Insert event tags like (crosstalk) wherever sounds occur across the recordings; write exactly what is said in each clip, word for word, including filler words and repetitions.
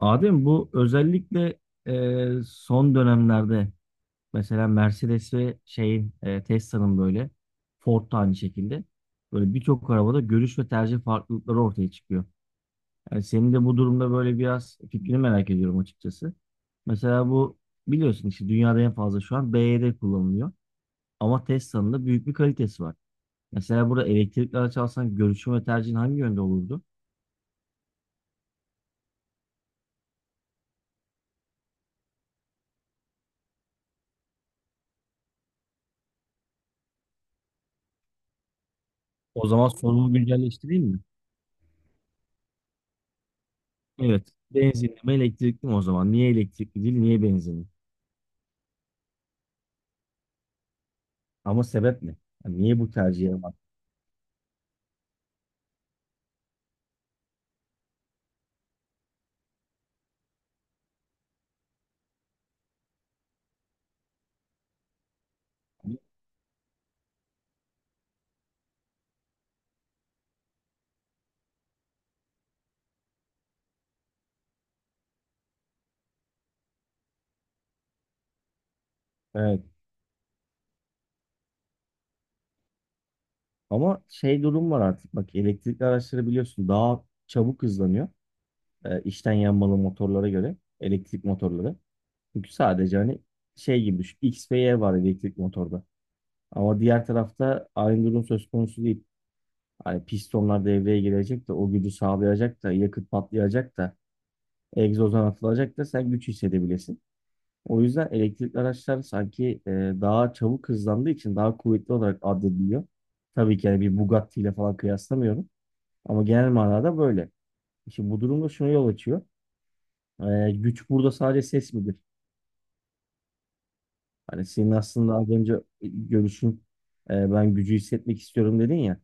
Adem bu özellikle e, son dönemlerde mesela Mercedes ve şeyin e, Tesla'nın böyle Ford da aynı şekilde böyle birçok arabada görüş ve tercih farklılıkları ortaya çıkıyor. Yani senin de bu durumda böyle biraz fikrini merak ediyorum açıkçası. Mesela bu biliyorsun işte dünyada en fazla şu an B Y D kullanılıyor. Ama Tesla'nın da büyük bir kalitesi var. Mesela burada elektrikli araç alsan görüşün ve tercihin hangi yönde olurdu? O zaman sorunu güncelleştireyim mi? Evet. Benzinli mi elektrikli mi o zaman? Niye elektrikli değil, niye benzinli? Ama sebep ne? Yani niye bu tercihe baktın? Evet. Ama şey durum var artık. Bak elektrikli araçları biliyorsun daha çabuk hızlanıyor. E, içten yanmalı motorlara göre. Elektrik motorları. Çünkü sadece hani şey gibi düşün. X ve Y var elektrik motorda. Ama diğer tarafta aynı durum söz konusu değil. Hani pistonlar devreye girecek de o gücü sağlayacak da yakıt patlayacak da egzozdan atılacak da sen güç hissedebilirsin. O yüzden elektrikli araçlar sanki e, daha çabuk hızlandığı için daha kuvvetli olarak addediliyor. Tabii ki yani bir Bugatti ile falan kıyaslamıyorum. Ama genel manada böyle. Şimdi bu durumda şuna yol açıyor. E, güç burada sadece ses midir? Hani senin aslında az önce görüşün e, ben gücü hissetmek istiyorum dedin ya.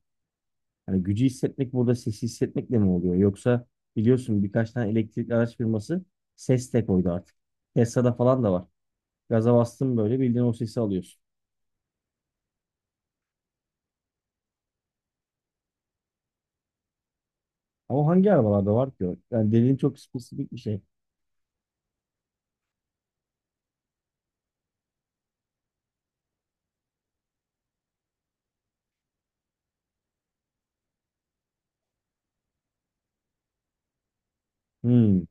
Hani gücü hissetmek burada sesi hissetmekle mi oluyor? Yoksa biliyorsun birkaç tane elektrikli araç firması ses de koydu artık. Tesla'da falan da var. Gaza bastın böyle bildiğin o sesi alıyorsun. Ama hangi arabalarda var ki o? Yani dediğin çok spesifik bir şey. Hmm.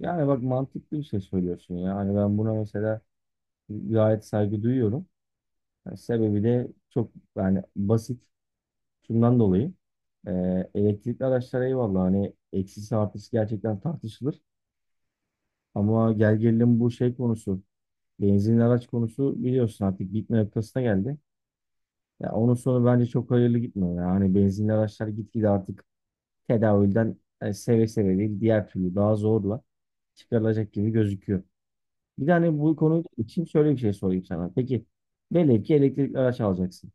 Yani bak mantıklı bir şey söylüyorsun ya. Hani ben buna mesela gayet saygı duyuyorum. Yani sebebi de çok yani basit. Şundan dolayı. Ee, elektrikli araçlara eyvallah hani eksisi artısı gerçekten tartışılır. Ama gel gelelim bu şey konusu. Benzinli araç konusu biliyorsun artık bitme noktasına geldi. Ya onun sonu bence çok hayırlı gitmiyor. Yani hani benzinli araçlar gitgide artık tedavülden yani seve seve değil diğer türlü daha zorla çıkarılacak gibi gözüküyor. Bir de hani bu konu için şöyle bir şey sorayım sana. Peki velev ki elektrikli araç alacaksın.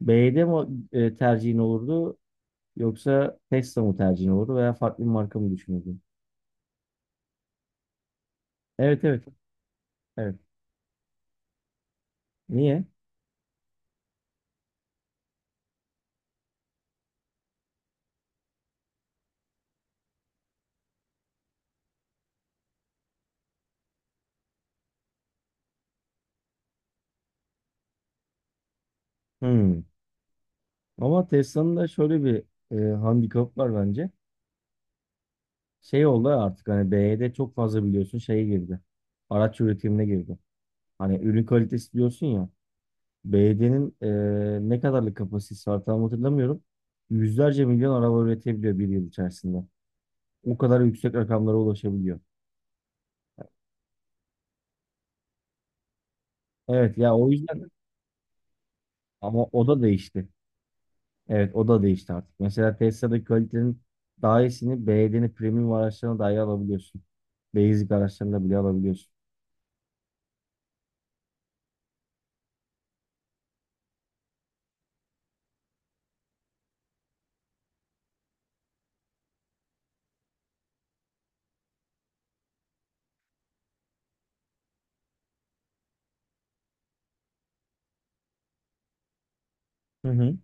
B Y D mi e, tercihin olurdu yoksa Tesla mı tercihin olurdu veya farklı bir marka mı düşünürdün? Evet, evet. Evet. Niye? Hmm. Ama Tesla'nın da şöyle bir e, handikap var bence. Şey oldu artık hani B Y D çok fazla biliyorsun şeye girdi. Araç üretimine girdi. Hani ürün kalitesi diyorsun ya. Belediyenin e, ne kadarlık kapasitesi var tam hatırlamıyorum. Yüzlerce milyon araba üretebiliyor bir yıl içerisinde. O kadar yüksek rakamlara ulaşabiliyor. Evet ya o yüzden ama o da değişti. Evet o da değişti artık. Mesela Tesla'daki kalitenin daha iyisini belediyenin premium araçlarına dahi alabiliyorsun. Basic araçlarına bile alabiliyorsun. Hı hı.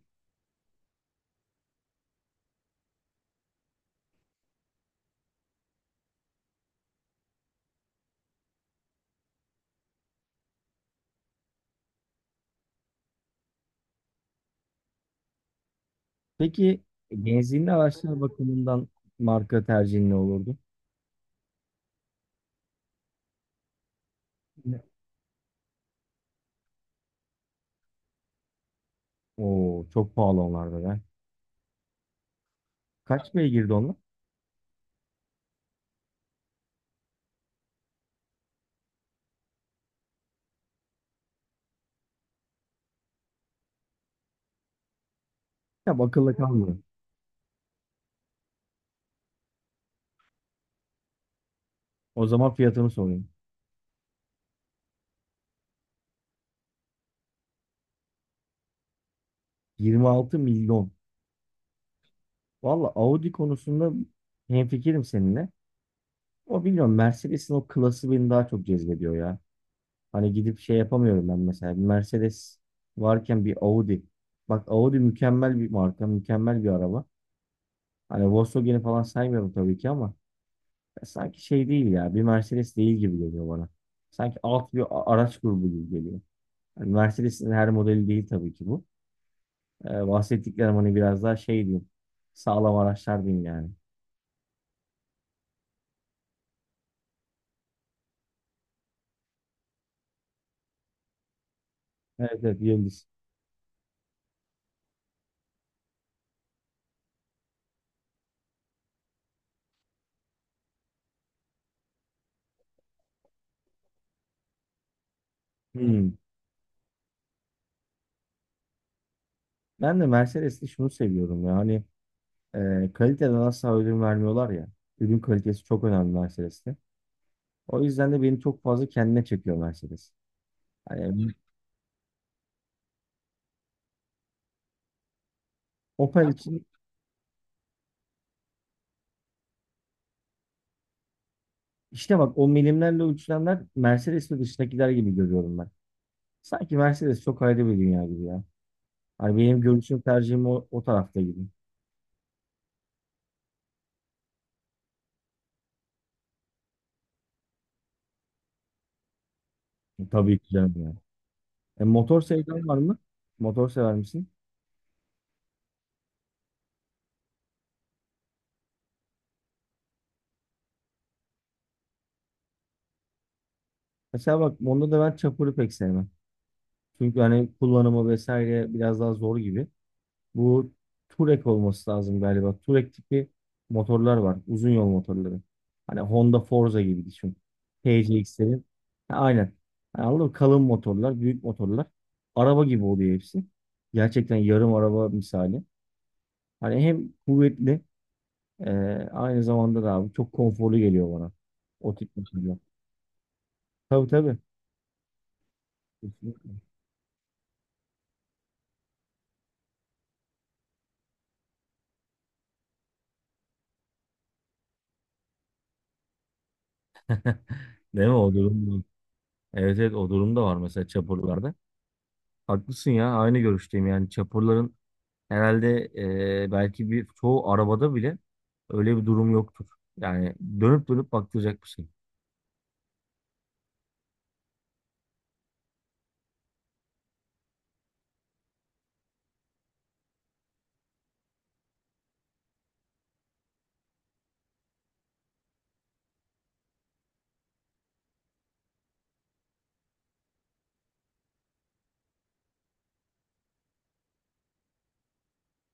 Peki benzinli araçlar bakımından marka tercihin ne olurdu? Ne? Oo çok pahalı onlar da ya. Kaç beygirdi onlar? Ya akılda kalmıyor. O zaman fiyatını sorayım. yirmi altı milyon. Valla Audi konusunda hemfikirim seninle. O bilmiyorum Mercedes'in o klası beni daha çok cezbediyor ya. Hani gidip şey yapamıyorum ben mesela. Bir Mercedes varken bir Audi. Bak Audi mükemmel bir marka, mükemmel bir araba. Hani Volkswagen'i falan saymıyorum tabii ki ama ya sanki şey değil ya. Bir Mercedes değil gibi geliyor bana. Sanki alt bir a- araç grubu gibi geliyor. Yani Mercedes'in her modeli değil tabii ki bu. Ee, bahsettiklerim hani biraz daha şey diyeyim. Sağlam araçlar diyeyim yani. Evet, evet. Yıldız. Hmm. Ben de Mercedes'te şunu seviyorum ya. Hani e, kaliteden asla ödün vermiyorlar ya. Ürün kalitesi çok önemli Mercedes'te. O yüzden de beni çok fazla kendine çekiyor Mercedes. Hani Opel için işte bak o milimlerle ölçülenler Mercedes ve dışındakiler gibi görüyorum ben. Sanki Mercedes çok ayrı bir dünya gibi ya. Hani benim görüşüm tercihim o, o tarafta gibi. Tabii ki canım ya. E, motor sevdan var mı? Motor sever misin? Mesela bak onda da ben çapuru pek sevmem. Çünkü hani kullanımı vesaire biraz daha zor gibi. Bu Touareg olması lazım galiba. Touareg tipi motorlar var. Uzun yol motorları. Hani Honda Forza gibi düşün. T C X'lerin. Ha, aynen. Yani anladın mı? Kalın motorlar, büyük motorlar. Araba gibi oluyor hepsi. Gerçekten yarım araba misali. Hani hem kuvvetli e, aynı zamanda da abi çok konforlu geliyor bana. O tip motorlar. Tabii, tabii. Kesinlikle. (laughs) Değil mi o durum? Evet, evet, o durum da var mesela çapurlarda. Haklısın ya aynı görüşteyim yani çapurların herhalde e, belki bir çoğu arabada bile öyle bir durum yoktur. Yani dönüp dönüp baktıracak bir şey.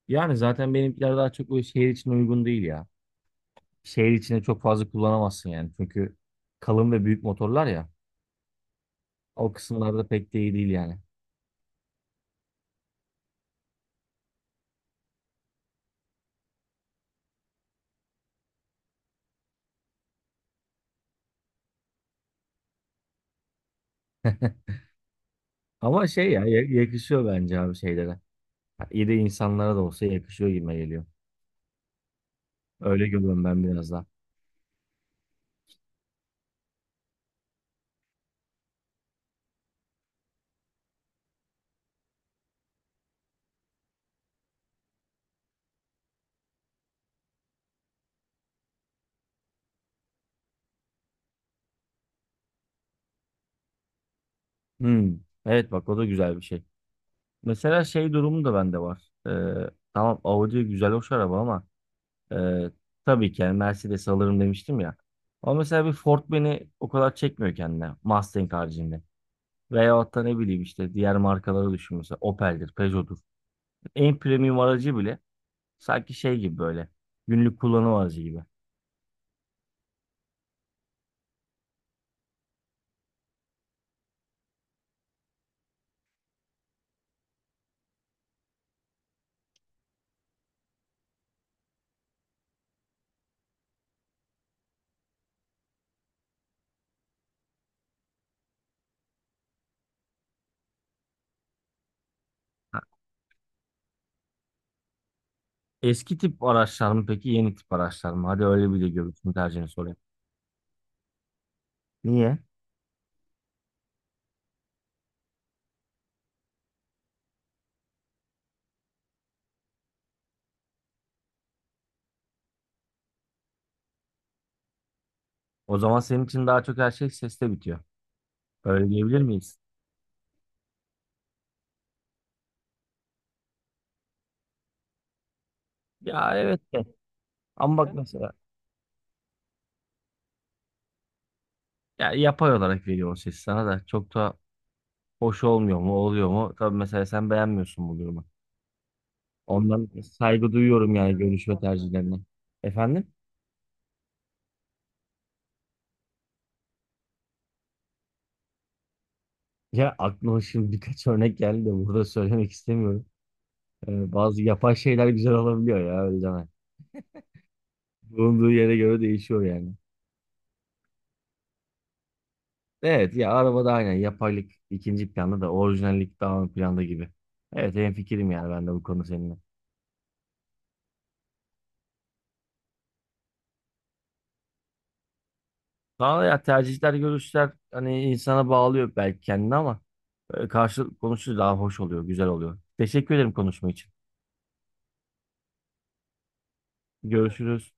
Yani zaten benimkiler daha çok o şehir için uygun değil ya. Şehir içine çok fazla kullanamazsın yani çünkü kalın ve büyük motorlar ya o kısımlarda pek de iyi değil yani. Ama şey ya ya- yakışıyor bence abi şeylere. Ha, İyi de insanlara da olsa yakışıyor gibime geliyor. Öyle görüyorum ben biraz daha. Hmm. Evet bak o da güzel bir şey. Mesela şey durumu da bende var. Ee, tamam Audi güzel hoş araba ama e, tabii ki yani Mercedes alırım demiştim ya. Ama mesela bir Ford beni o kadar çekmiyor kendine Mustang haricinde. Veyahut da ne bileyim işte diğer markaları düşün mesela Opel'dir, Peugeot'dur. En premium aracı bile sanki şey gibi böyle günlük kullanım aracı gibi. Ha, eski tip araçlar mı peki yeni tip araçlar mı? Hadi öyle bir de görüntünü tercihini sorayım. Niye? O zaman senin için daha çok her şey seste bitiyor. Öyle diyebilir miyiz? Ya evet. Ama bak mesela ya yapay olarak veriyor o ses sana da çok da hoş olmuyor mu oluyor mu? Tabii mesela sen beğenmiyorsun bu durumu. Ondan saygı duyuyorum yani görüş ve tercihlerine. Efendim? Ya aklıma şimdi birkaç örnek geldi de burada söylemek istemiyorum. Ee, bazı yapay şeyler güzel olabiliyor ya öyle deme. Bulunduğu yere göre değişiyor yani. Evet ya arabada aynen yapaylık ikinci planda da orijinallik daha ön planda gibi. Evet hemfikirim yani ben de bu konu seninle. Daha ya tercihler, görüşler hani insana bağlıyor belki kendini ama e, karşı konuşunca daha hoş oluyor, güzel oluyor. Teşekkür ederim konuşma için. Görüşürüz.